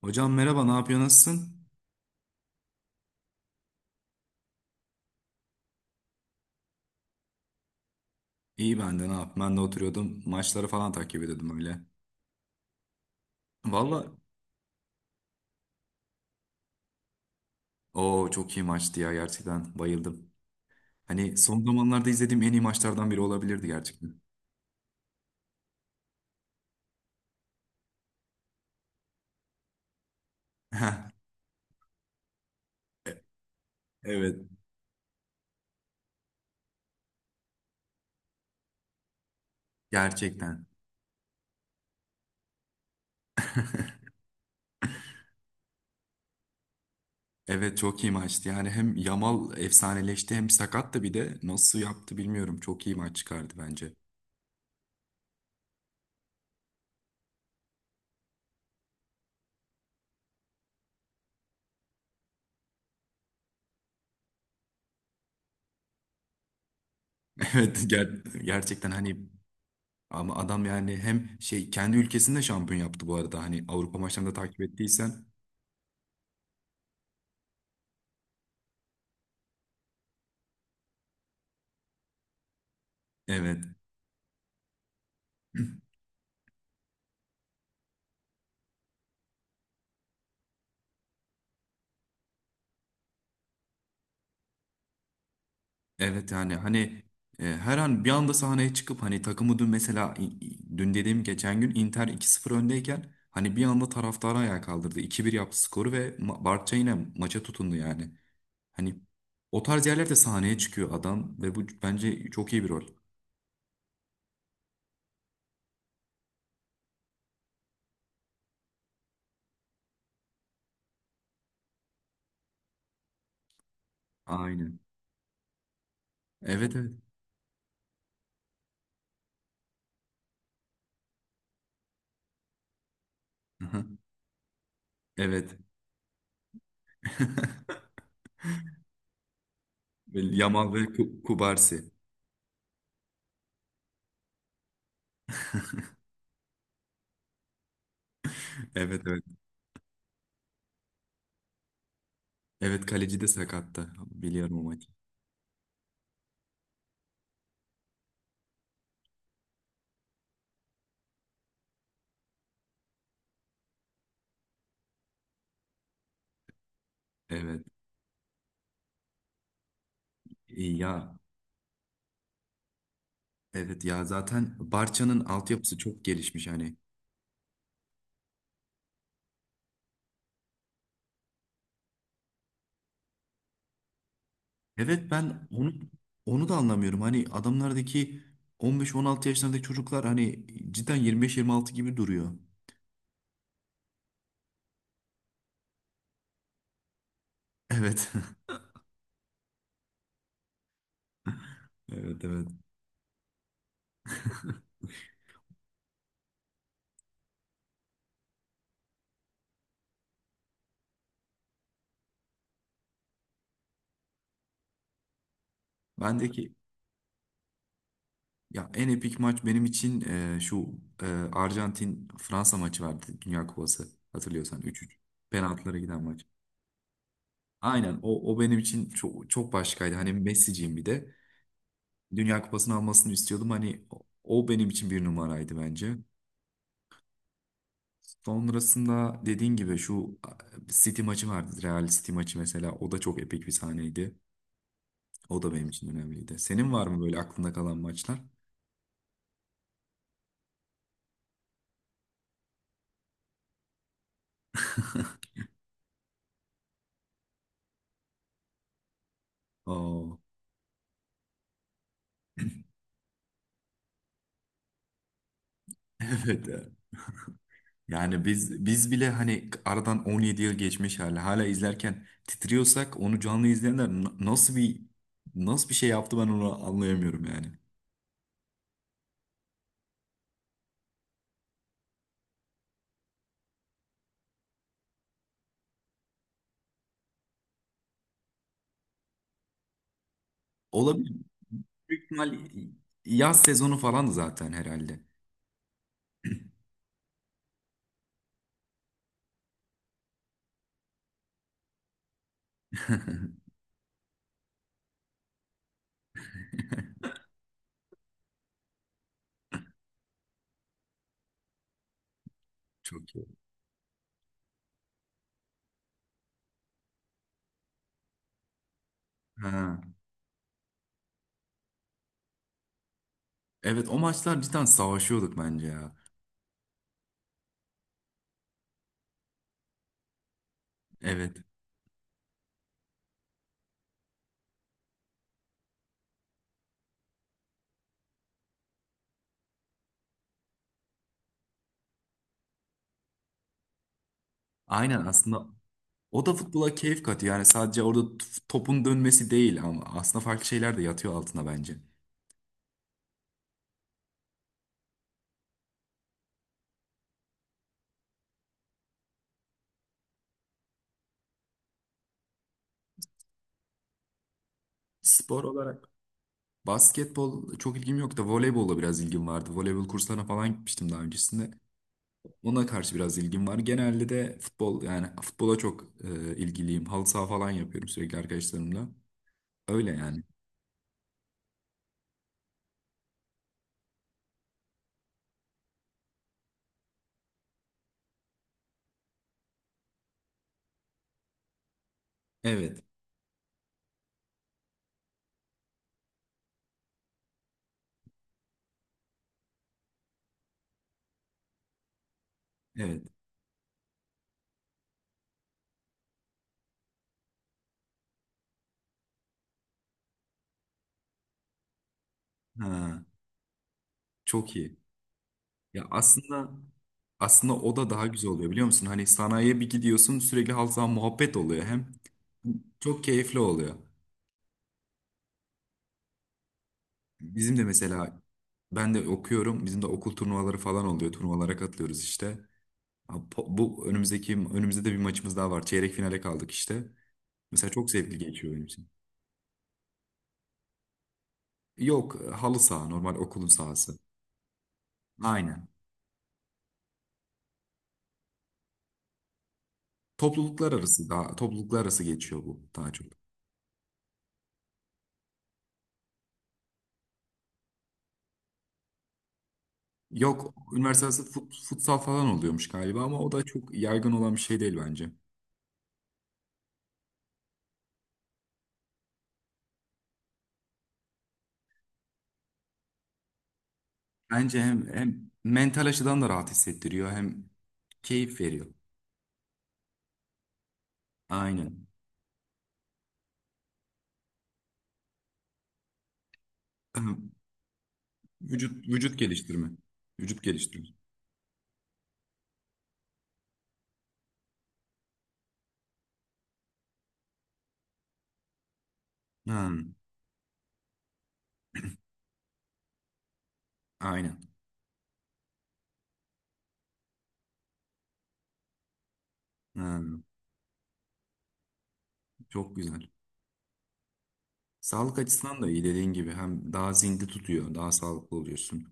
Hocam merhaba, ne yapıyor, nasılsın? İyi ben de ne yap? Ben de oturuyordum. Maçları falan takip ediyordum öyle. Valla o çok iyi maçtı ya gerçekten bayıldım. Hani son zamanlarda izlediğim en iyi maçlardan biri olabilirdi gerçekten. Evet gerçekten. Evet çok iyi maçtı. Yani hem Yamal efsaneleşti hem sakat da bir de nasıl yaptı bilmiyorum. Çok iyi maç çıkardı bence. Evet gerçekten hani ama adam yani hem şey kendi ülkesinde şampiyon yaptı bu arada. Hani Avrupa maçlarını da takip ettiysen evet. Evet yani hani her an bir anda sahneye çıkıp hani takımı dün mesela dün dediğim geçen gün Inter 2-0 öndeyken hani bir anda taraftarı ayağa kaldırdı. İki bir yaptı skoru ve Barça yine maça tutundu yani. Hani o tarz yerlerde sahneye çıkıyor adam ve bu bence çok iyi bir rol. Aynen. Evet evet. Aha, evet. Ve Yamal ve Kubarsi. Evet evet. Evet kaleci de sakattı. Biliyorum o maçı. Evet. İyi ya. Evet ya zaten Barça'nın altyapısı çok gelişmiş hani. Evet ben onu onu da anlamıyorum. Hani adamlardaki 15-16 yaşlarındaki çocuklar hani cidden 25-26 gibi duruyor. Evet. Evet evet. Bendeki ya en epik maç benim için şu e, Arjantin Fransa maçı vardı Dünya Kupası. Hatırlıyorsan üç üç penaltılara giden maç. Aynen o o benim için çok çok başkaydı. Hani Messi'ciyim bir de. Dünya Kupası'nı almasını istiyordum. Hani o o benim için bir numaraydı bence. Sonrasında dediğin gibi şu City maçı vardı. Real City maçı mesela. O da çok epik bir sahneydi. O da benim için önemliydi. Senin var mı böyle aklında kalan maçlar? Oo, evet. Yani biz bile hani aradan 17 yıl geçmiş hala izlerken titriyorsak onu canlı izleyenler nasıl bir nasıl bir şey yaptı ben onu anlayamıyorum yani. Olabilir. Büyük ihtimal yaz sezonu falan zaten herhalde. Çok iyi. Ha. Evet o maçlar cidden savaşıyorduk bence ya. Evet. Aynen aslında o da futbola keyif katıyor. Yani sadece orada topun dönmesi değil ama aslında farklı şeyler de yatıyor altına bence. Spor olarak basketbol çok ilgim yok da voleybolla biraz ilgim vardı. Voleybol kurslarına falan gitmiştim daha öncesinde. Ona karşı biraz ilgim var. Genelde de futbol yani futbola çok ilgiliyim. Halı saha falan yapıyorum sürekli arkadaşlarımla. Öyle yani. Evet. Evet. Ha, çok iyi. Aslında, aslında o da daha güzel oluyor biliyor musun? Hani sanayiye bir gidiyorsun sürekli halkla muhabbet oluyor hem çok keyifli oluyor. Bizim de mesela ben de okuyorum. Bizim de okul turnuvaları falan oluyor. Turnuvalara katılıyoruz işte. Ha, bu önümüzdeki önümüzde de bir maçımız daha var. Çeyrek finale kaldık işte. Mesela çok zevkli geçiyor benim için. Yok halı saha normal okulun sahası. Aynen. Topluluklar arası geçiyor bu daha çok. Yok üniversite arası futsal falan oluyormuş galiba ama o da çok yaygın olan bir şey değil bence. Bence hem, hem mental açıdan da rahat hissettiriyor hem keyif veriyor. Aynen. Vücut geliştirme. Vücut geliştirme. Ha, aynen. Ha, çok güzel. Sağlık açısından da iyi dediğin gibi hem daha zinde tutuyor, daha sağlıklı oluyorsun.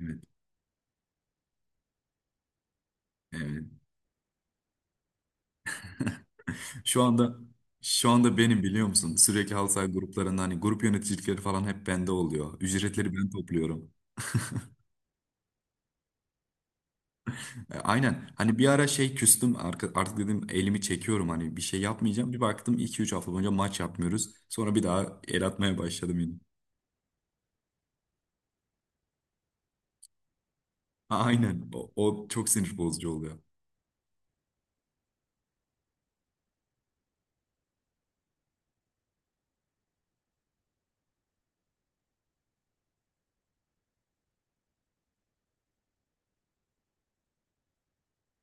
Evet. Evet. Şu anda şu anda benim biliyor musun? Sürekli halsay gruplarında hani grup yöneticilikleri falan hep bende oluyor. Ücretleri ben topluyorum. E, aynen. Hani bir ara şey küstüm artık dedim elimi çekiyorum hani bir şey yapmayacağım. Bir baktım iki üç hafta boyunca maç yapmıyoruz. Sonra bir daha el atmaya başladım yine. Aynen. O çok sinir bozucu oluyor.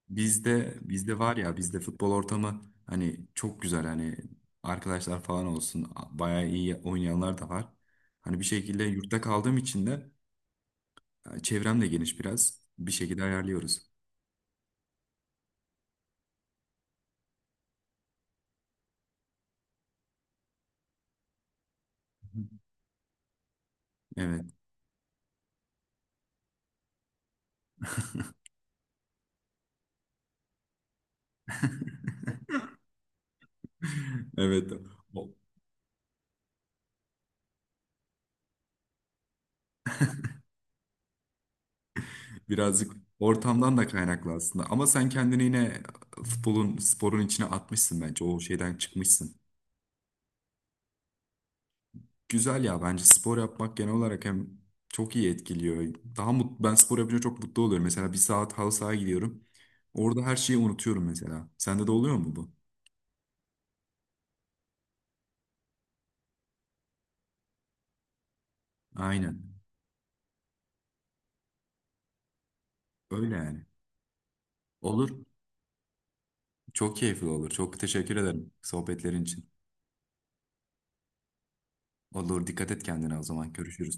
Bizde var ya bizde futbol ortamı hani çok güzel hani arkadaşlar falan olsun. Bayağı iyi oynayanlar da var. Hani bir şekilde yurtta kaldığım için de çevrem de geniş biraz. Bir şekilde ayarlıyoruz. Evet. Evet. Birazcık ortamdan da kaynaklı aslında. Ama sen kendini yine futbolun, sporun içine atmışsın bence. O şeyden çıkmışsın. Güzel ya bence spor yapmak genel olarak hem çok iyi etkiliyor. Daha mut ben spor yapınca çok mutlu oluyorum. Mesela bir saat halı sahaya gidiyorum. Orada her şeyi unutuyorum mesela. Sende de oluyor mu bu? Aynen. Öyle yani. Olur. Çok keyifli olur. Çok teşekkür ederim sohbetlerin için. Olur. Dikkat et kendine o zaman. Görüşürüz.